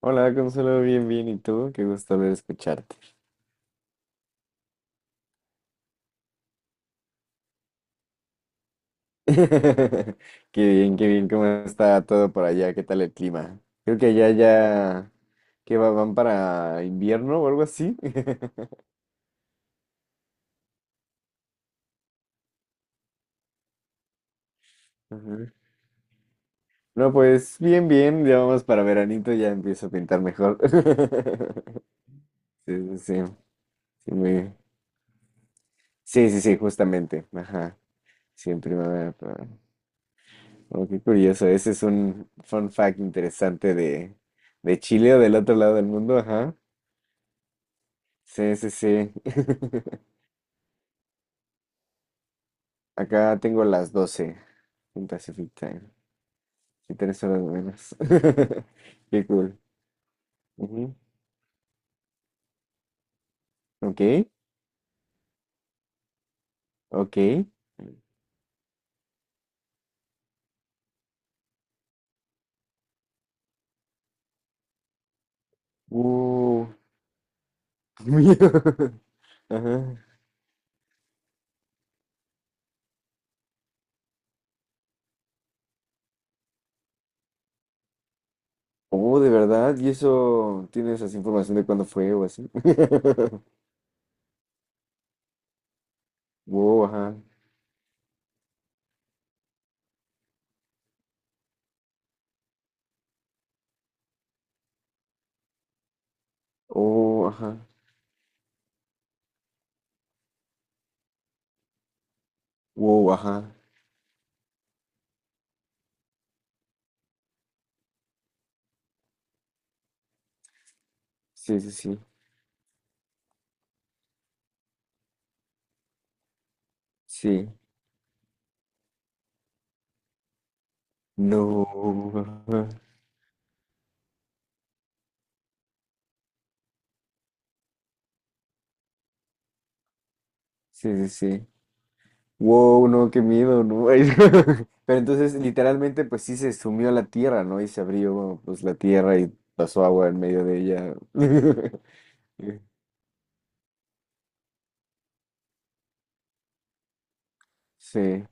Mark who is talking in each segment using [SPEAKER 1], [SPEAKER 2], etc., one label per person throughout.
[SPEAKER 1] Hola, Consuelo, bien, bien, ¿y tú? Qué gusto volver a escucharte. Qué qué bien, ¿cómo está todo por allá? ¿Qué tal el clima? Creo que allá ya, que van para invierno o algo así. Ujú. No, pues bien, bien, ya vamos para veranito, ya empiezo a pintar mejor. Sí, sí, sí, sí, sí, sí, sí, justamente, ajá, sí, en primavera. Oh, qué curioso, ese es un fun fact interesante de Chile o del otro lado del mundo, ajá. Sí, sí, sí. Acá tengo las 12:00 en Pacific Time. Sí, 3 horas menos. Qué cool. Ujú. Ok, ok. Uh, miedo. Ajá. Oh, de verdad. ¿Y eso tienes esa información de cuándo fue o así? Wow, ajá. Oh, ajá. Wow, ajá. Sí, sí, sí. Sí. No. Ajá. Sí, sí, sí. Wow, no, qué miedo, ¿no? Pero entonces, literalmente, pues sí se sumió a la tierra, ¿no? Y se abrió, pues, la tierra y pasó agua en medio de ella. Sí,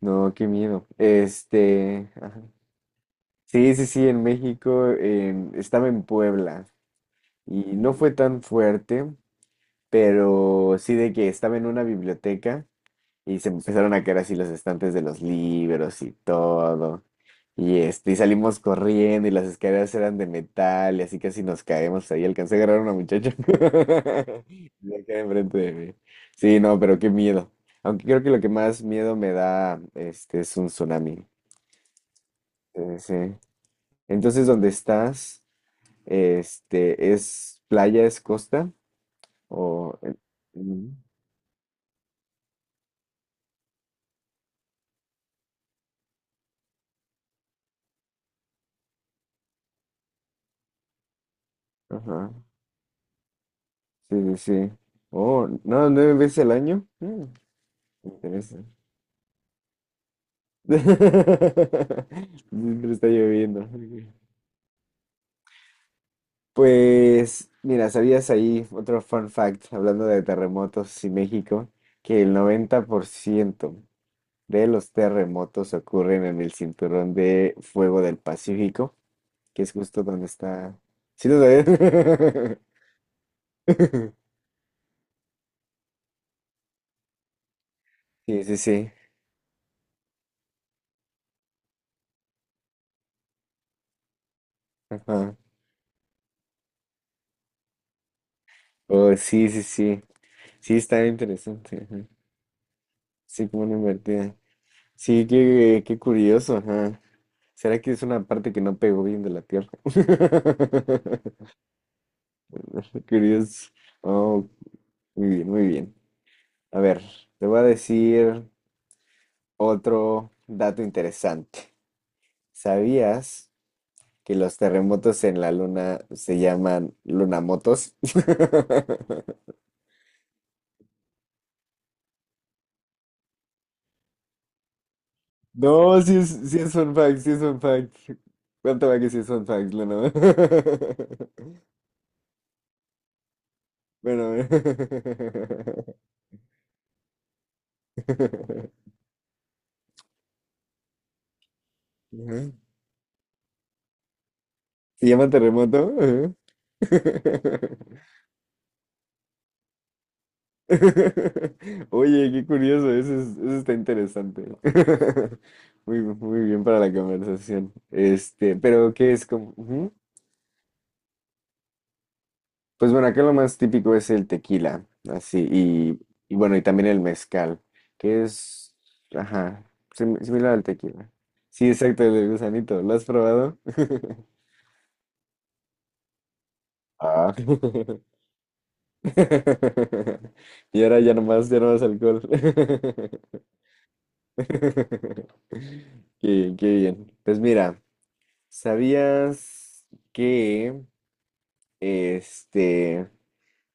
[SPEAKER 1] no, qué miedo. Este, ajá. Sí, sí, sí, en México, estaba en Puebla y no fue tan fuerte, pero sí de que estaba en una biblioteca. Y se empezaron a caer así los estantes de los libros y todo. Y este, y salimos corriendo y las escaleras eran de metal y así casi nos caemos ahí. Alcancé a agarrar a una muchacha. Y acá enfrente de mí. Sí, no, pero qué miedo. Aunque creo que lo que más miedo me da este es un tsunami. Sí, sí. Entonces, ¿dónde estás? Este, ¿es playa, es costa? O Mm, ajá. Sí, sí, sí. Oh, no, nueve veces al año. Mm. Pero eso- Siempre está lloviendo. Pues, mira, ¿sabías ahí otro fun fact hablando de terremotos y México? Que el 90% de los terremotos ocurren en el cinturón de fuego del Pacífico, que es justo donde está. ¿Sí lo sabías? Sí, sí, sí. Ajá. Oh, sí, sí, sí. Sí, está interesante, ajá. Sí, como una invertida. Sí, qué, qué curioso, ajá. ¿Será que es una parte que no pegó bien de la Tierra? Curioso. Oh, muy bien, muy bien. A ver, te voy a decir otro dato interesante. ¿Sabías que los terremotos en la Luna se llaman lunamotos? No, sí es fun fact, sí es fun fact. ¿Cuánto va que sí es fun fact, Luna? Bueno. Ujú. ¿Se llama terremoto? Ajá. Oye, qué curioso, eso, eso está interesante. Muy, muy bien para la conversación. Este, pero ¿qué es como? Ujú. Pues bueno, acá lo más típico es el tequila, así, y bueno, y también el mezcal, que es, ajá, similar al tequila. Sí, exacto, el del gusanito, ¿lo has probado? Ah. Y ahora ya nomás, ya no más alcohol. Qué, qué bien. Pues mira, ¿sabías que este,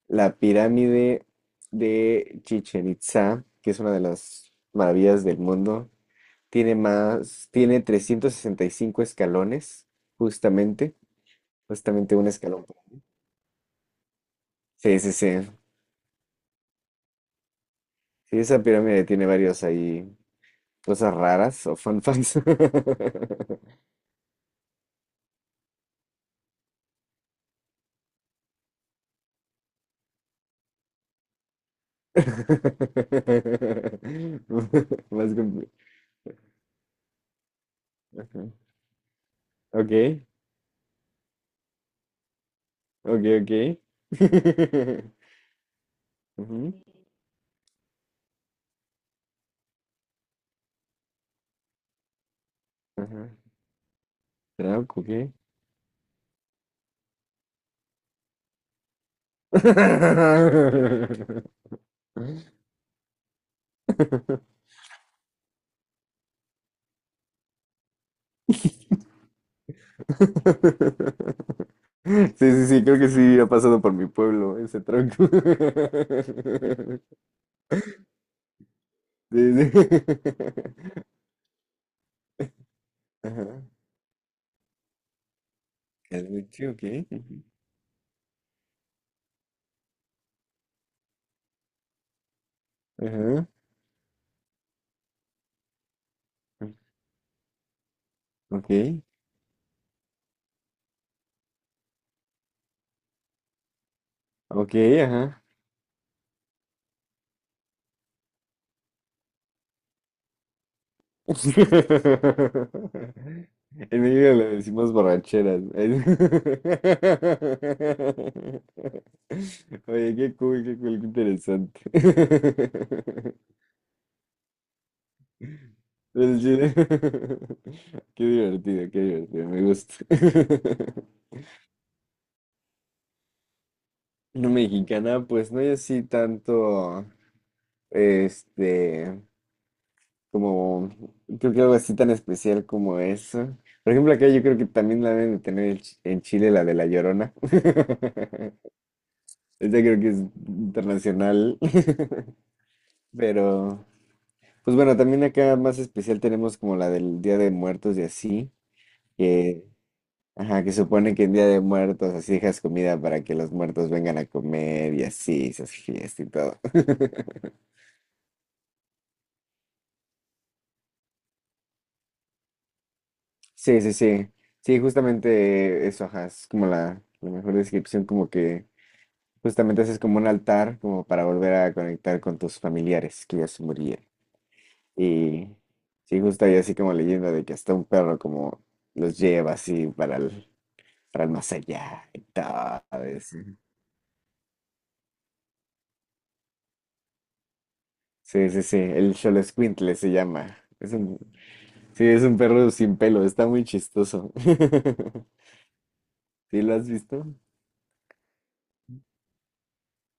[SPEAKER 1] la pirámide de Chichen Itza, que es una de las maravillas del mundo, tiene 365 escalones, justamente, justamente un escalón. Sí, sí, sí. Sí, esa pirámide tiene varios ahí, cosas raras o fun facts. Más compli- Ajá. Ok, ok, ok. Ujú, ajá. Trauco, ¿qué? Sí, sí, sí, creo que sí ha pasado por mi pueblo ese tronco. Sí, sí. Ajá. Caluche, ok. Ajá. Ok, ok, ajá. En México le decimos borracheras. Oye, qué cool, qué cool, qué interesante. Pero el qué divertido, me gusta. No mexicana, pues no hay así tanto, este, como, creo que algo así tan especial como eso. Por ejemplo, acá yo creo que también la deben de tener en en Chile, la de La Llorona. Esa creo que es internacional, pero, pues bueno, también acá más especial tenemos como la del Día de Muertos y así, que, ajá, que supone que en Día de Muertos así dejas comida para que los muertos vengan a comer y así, se hace fiesta y todo. Sí, sí, sí. Sí, justamente eso, ajá, es como la mejor descripción, como que justamente haces como un altar, como para volver a conectar con tus familiares que ya se murieron. Y sí, justo hay así como leyenda de que hasta un perro como los lleva así para el más allá y todo. Eso. Sí, sí, sí, el Xoloescuintle se llama. Es un, sí, es un perro sin pelo, está muy chistoso. ¿Sí lo has visto?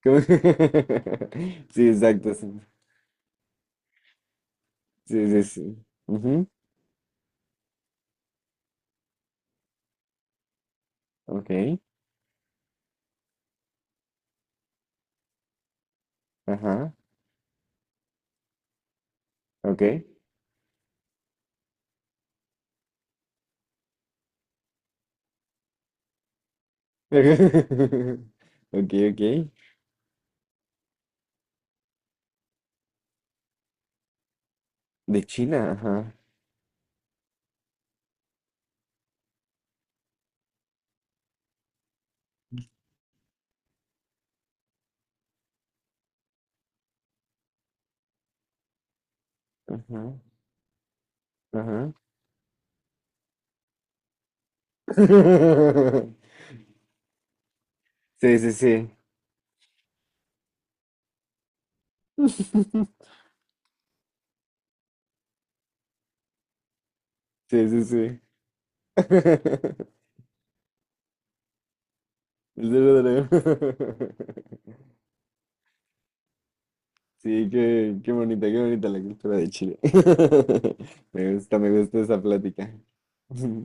[SPEAKER 1] ¿Cómo? Sí, exacto. Sí, sí, sí. Sí. Ujú, ok, ajá, ok. Ok, ok. De China, ajá. Ajá, ajá. Sí, sí, sí. Sí, sí, sí. El Cerro de cerdo dragón. Sí, qué, qué bonita la cultura de Chile. Me gusta esa plática.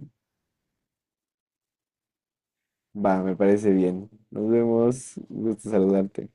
[SPEAKER 1] Va, me parece bien. Nos vemos. Un gusto saludarte.